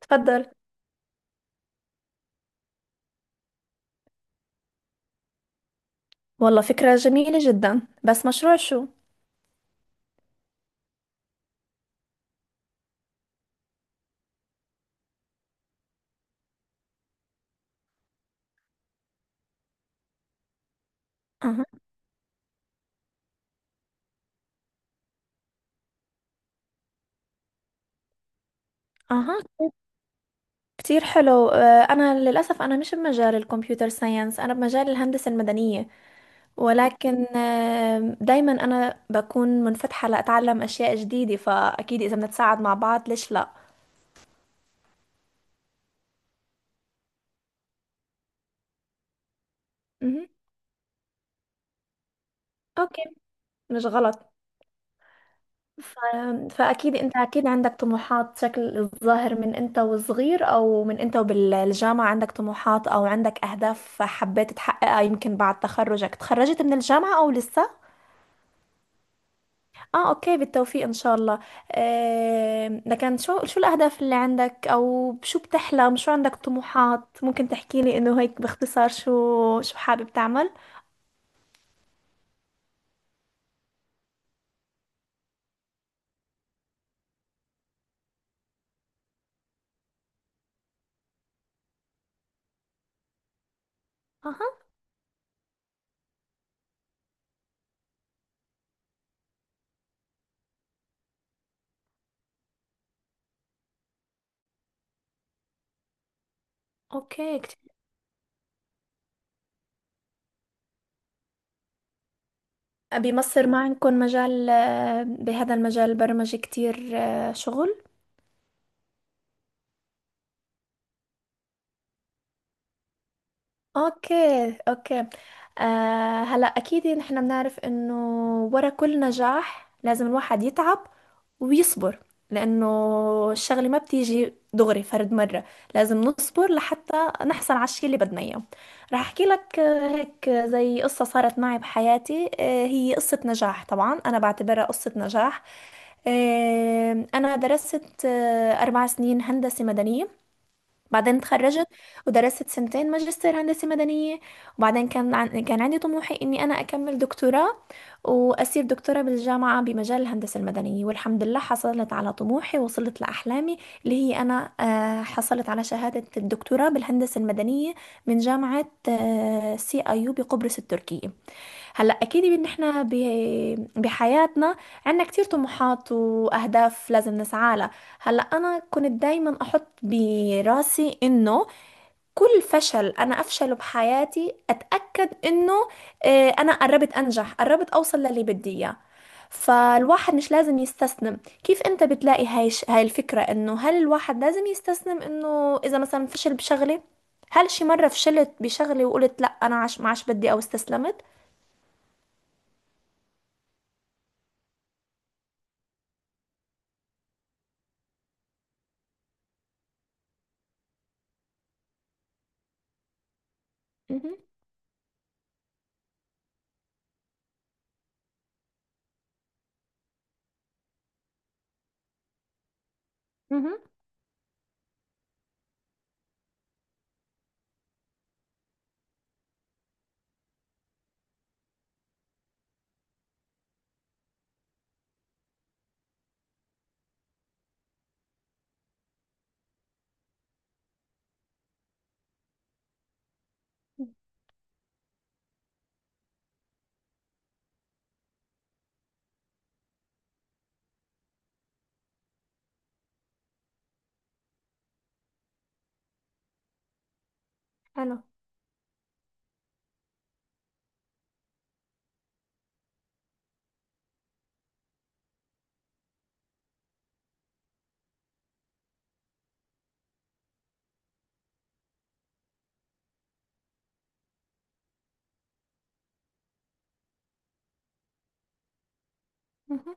تفضل. والله فكرة جميلة جدا، بس مشروع شو؟ أها. أها. كتير حلو، أنا للأسف أنا مش بمجال الكمبيوتر ساينس، أنا بمجال الهندسة المدنية. ولكن دايما أنا بكون منفتحة لأتعلم أشياء جديدة، فأكيد إذا بنتساعد مع بعض ليش لا؟ مهم. أوكي. مش غلط. ف- فأكيد أنت أكيد عندك طموحات، شكل الظاهر من أنت وصغير أو من أنت وبالجامعة عندك طموحات أو عندك أهداف حبيت تحققها. يمكن بعد تخرجك تخرجت من الجامعة أو لسه؟ آه، أوكي. بالتوفيق إن شاء الله. لكن شو الأهداف اللي عندك، أو شو بتحلم، شو عندك طموحات، ممكن تحكي لي إنه هيك باختصار شو حابب تعمل؟ أها. أوكي. كتير. بمصر ما عندكم مجال بهذا المجال البرمجي كتير شغل؟ اوكي، اوكي. هلا اكيد نحن بنعرف انه ورا كل نجاح لازم الواحد يتعب ويصبر، لانه الشغله ما بتيجي دغري فرد مره. لازم نصبر لحتى نحصل على الشيء اللي بدنا اياه. راح احكي لك هيك زي قصه صارت معي بحياتي، هي قصه نجاح، طبعا انا بعتبرها قصه نجاح. انا درست 4 سنين هندسه مدنيه. بعدين اتخرجت ودرست سنتين ماجستير هندسة مدنية. وبعدين كان عندي طموحي إني أنا أكمل دكتوراه وأصير دكتورة بالجامعة بمجال الهندسة المدنية. والحمد لله حصلت على طموحي ووصلت لأحلامي، اللي هي أنا حصلت على شهادة الدكتوراه بالهندسة المدنية من جامعة سي أيو بقبرص التركية. هلا اكيد ان احنا بحياتنا عنا كتير طموحات واهداف لازم نسعى لها. هلا انا كنت دايما احط براسي انه كل فشل انا افشله بحياتي اتاكد انه انا قربت انجح، قربت اوصل للي بدي اياه. فالواحد مش لازم يستسلم. كيف انت بتلاقي هاي الفكرة، انه هل الواحد لازم يستسلم انه اذا مثلا فشل بشغلة؟ هل شي مرة فشلت بشغلة وقلت لا، انا عش ما عادش بدي او استسلمت؟ مهم. حلو. مهم.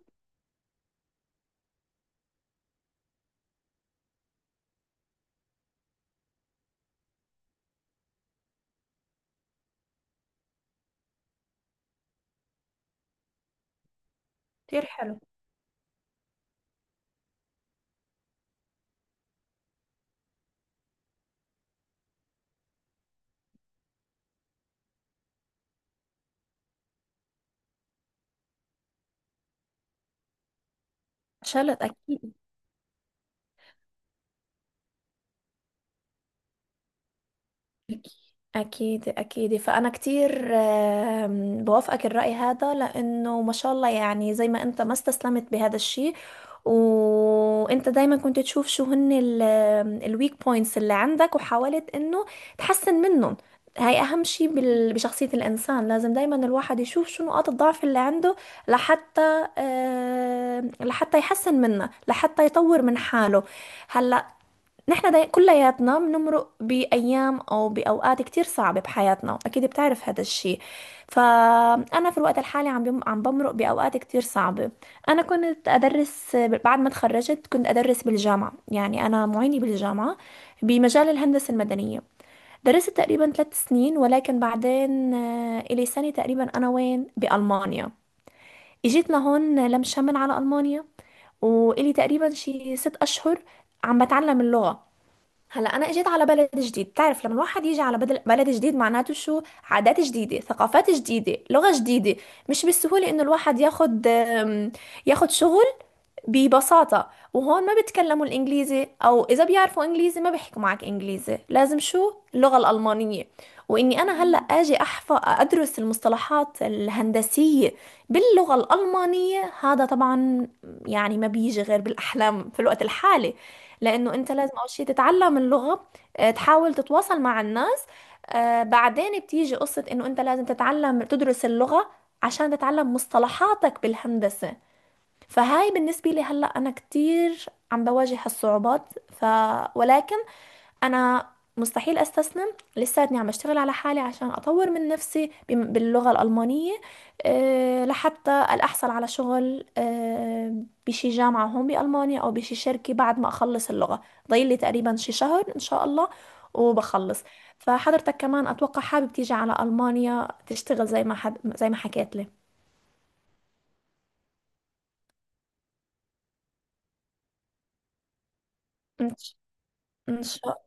كتير حلو. اتشالت اكيد. اكيد، اكيد. فانا كتير بوافقك الراي هذا لانه ما شاء الله، يعني زي ما انت ما استسلمت بهذا الشيء وانت دايما كنت تشوف شو هن الويك بوينتس اللي عندك، وحاولت انه تحسن منهم. هاي اهم شيء بشخصية الانسان، لازم دايما الواحد يشوف شو نقاط الضعف اللي عنده لحتى لحتى يحسن منها لحتى يطور من حاله. هلا كلياتنا بنمرق بأيام أو بأوقات كتير صعبة بحياتنا، أكيد بتعرف هذا الشي. فأنا في الوقت الحالي عم بمرق بأوقات كتير صعبة. أنا كنت أدرس بعد ما تخرجت، كنت أدرس بالجامعة، يعني أنا معينة بالجامعة بمجال الهندسة المدنية. درست تقريبا 3 سنين، ولكن بعدين إلي سنة تقريبا أنا وين بألمانيا، إجيت لهون لم شمل على ألمانيا، وإلي تقريبا شي 6 أشهر عم بتعلم اللغة. هلا انا اجيت على بلد جديد، تعرف لما الواحد يجي على بلد جديد معناته شو، عادات جديده، ثقافات جديده، لغه جديده. مش بالسهوله انه الواحد ياخد ياخد شغل ببساطة. وهون ما بيتكلموا الإنجليزي، أو إذا بيعرفوا إنجليزي ما بيحكوا معك إنجليزي، لازم شو، اللغة الألمانية. وإني أنا هلأ أجي أحفظ أدرس المصطلحات الهندسية باللغة الألمانية، هذا طبعا يعني ما بيجي غير بالأحلام في الوقت الحالي. لأنه أنت لازم أول شيء تتعلم اللغة، تحاول تتواصل مع الناس، بعدين بتيجي قصة إنه أنت لازم تتعلم تدرس اللغة عشان تتعلم مصطلحاتك بالهندسة. فهاي بالنسبة لي هلأ أنا كتير عم بواجه هالصعوبات. ف... ولكن أنا مستحيل أستسلم. لساتني عم بشتغل على حالي عشان أطور من نفسي باللغة الألمانية. أه، لحتى أحصل على شغل أه بشي جامعة هون بألمانيا أو بشي شركة بعد ما أخلص اللغة. ضايل لي تقريبا شي شهر إن شاء الله وبخلص. فحضرتك كمان أتوقع حابب تيجي على ألمانيا تشتغل زي ما حكيت لي. إن ش- إن شاء.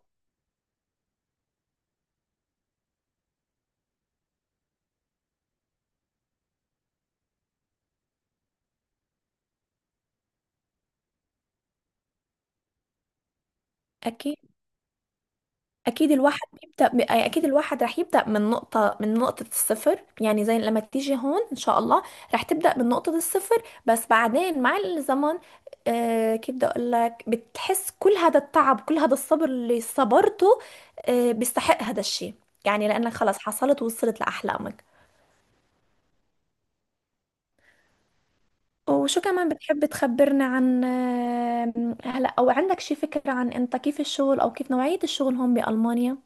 أكيد. اكيد، اكيد الواحد راح يبدا من نقطه الصفر، يعني زي لما تيجي هون ان شاء الله راح تبدا من نقطه الصفر. بس بعدين مع الزمن كيف بدي اقول لك، بتحس كل هذا التعب كل هذا الصبر اللي صبرته بيستحق هذا الشيء، يعني لانك خلص حصلت ووصلت لاحلامك. وشو كمان بتحب تخبرنا عن آه، هلا، او عندك شي فكره عن انت كيف الشغل او كيف نوعيه الشغل هون بالمانيا؟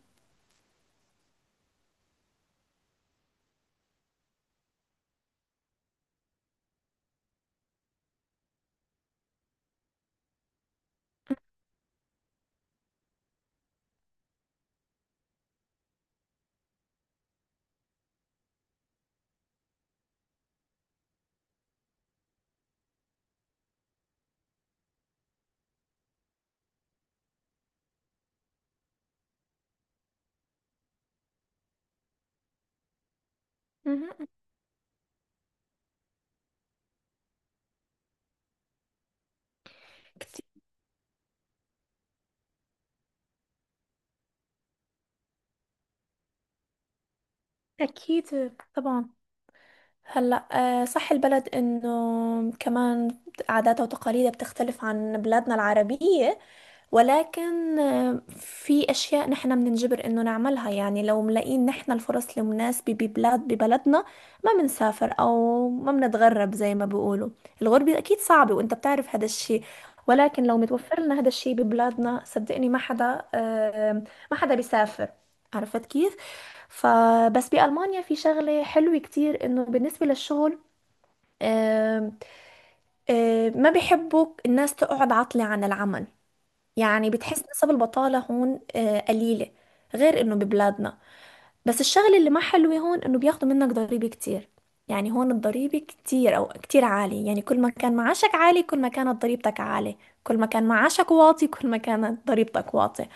مهم. كتير. أكيد طبعا. هلا صح البلد انه كمان عاداتها وتقاليدها بتختلف عن بلادنا العربية، ولكن في أشياء نحن بننجبر إنه نعملها، يعني لو ملاقيين نحن الفرص المناسبة ببلدنا ما بنسافر أو ما بنتغرب زي ما بيقولوا. الغربة أكيد صعبة وأنت بتعرف هذا الشيء. ولكن لو متوفر لنا هذا الشيء ببلادنا، صدقني ما حدا ما حدا بيسافر، عرفت كيف؟ فبس بألمانيا في شغلة حلوة كتير إنه بالنسبة للشغل، آه، ما بيحبوا الناس تقعد عاطلة عن العمل. يعني بتحس نسب البطالة هون قليلة غير انه ببلادنا. بس الشغل اللي ما حلو هون انه بياخدوا منك ضريبة كتير، يعني هون الضريبة كتير او كتير عالية، يعني كل ما كان معاشك عالي كل ما كانت ضريبتك عالية، كل ما كان معاشك واطي كل ما كانت ضريبتك واطية.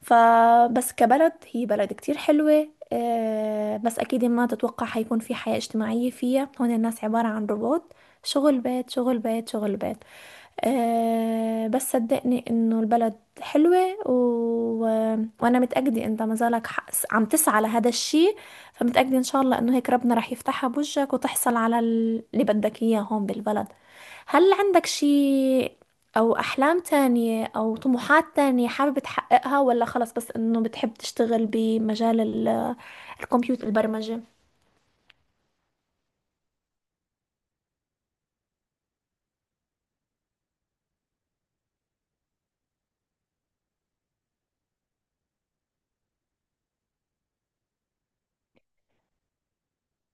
فبس كبلد هي بلد كتير حلوة بس أكيد ما تتوقع حيكون في حياة اجتماعية فيها، هون الناس عبارة عن روبوت، شغل بيت شغل بيت شغل بيت. بس صدقني إنه البلد حلوة وأنا متأكدة أنت ما زالك عم تسعى لهذا الشيء. فمتأكدة إن شاء الله إنه هيك ربنا رح يفتحها بوجهك، وتحصل على اللي بدك إياه هون بالبلد. هل عندك شيء أو أحلام تانية أو طموحات تانية حابب تحققها، ولا خلص بس إنه بتحب تشتغل بمجال الكمبيوتر، البرمجة؟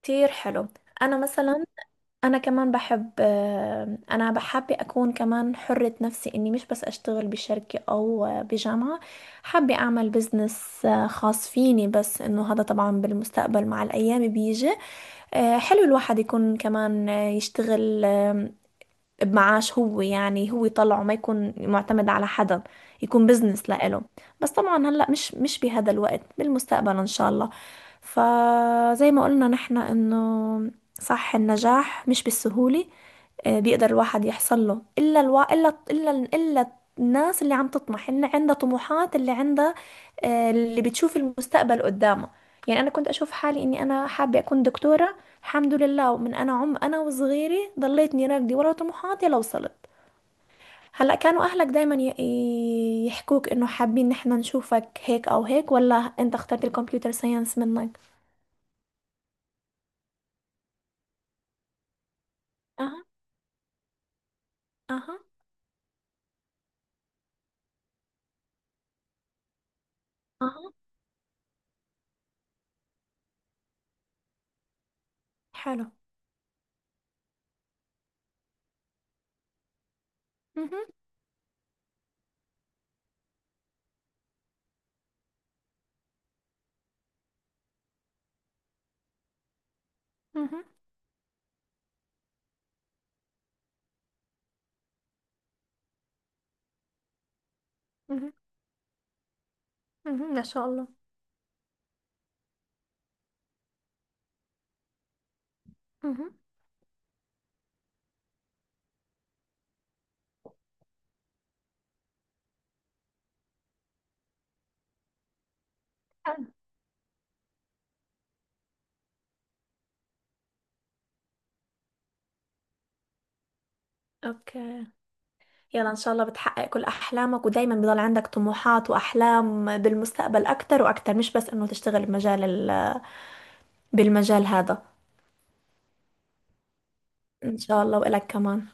كتير حلو. أنا مثلا انا كمان بحب انا بحب اكون كمان حرة نفسي اني مش بس اشتغل بشركة او بجامعة. حابة اعمل بزنس خاص فيني، بس انه هذا طبعا بالمستقبل مع الايام بيجي. حلو الواحد يكون كمان يشتغل بمعاش هو، يعني هو يطلعه ما يكون معتمد على حدا، يكون بزنس لإله. بس طبعا هلا مش بهذا الوقت، بالمستقبل ان شاء الله. فزي ما قلنا نحن انه صح النجاح مش بالسهولة، بيقدر الواحد يحصل له الا الوا... الا الا الا الناس اللي عم تطمح، اللي عندها طموحات، اللي عندها اللي بتشوف المستقبل قدامها. يعني انا كنت اشوف حالي اني انا حابة اكون دكتورة، الحمد لله. ومن انا عم انا وصغيري ضليتني راكدي ورا طموحاتي لوصلت. هلا كانوا اهلك دايما يحكوك انه حابين ان احنا نشوفك هيك او هيك، ولا انت اخترت الكمبيوتر ساينس منك؟ اها. اها. اها. حلو. مهم، مهم، مهم، مهم، ما شاء الله. مهم. حلو. اوكي. يلا ان شاء الله بتحقق كل احلامك، ودايما بضل عندك طموحات واحلام بالمستقبل اكتر واكتر، مش بس انه تشتغل بمجال بالمجال هذا. ان شاء الله والك كمان.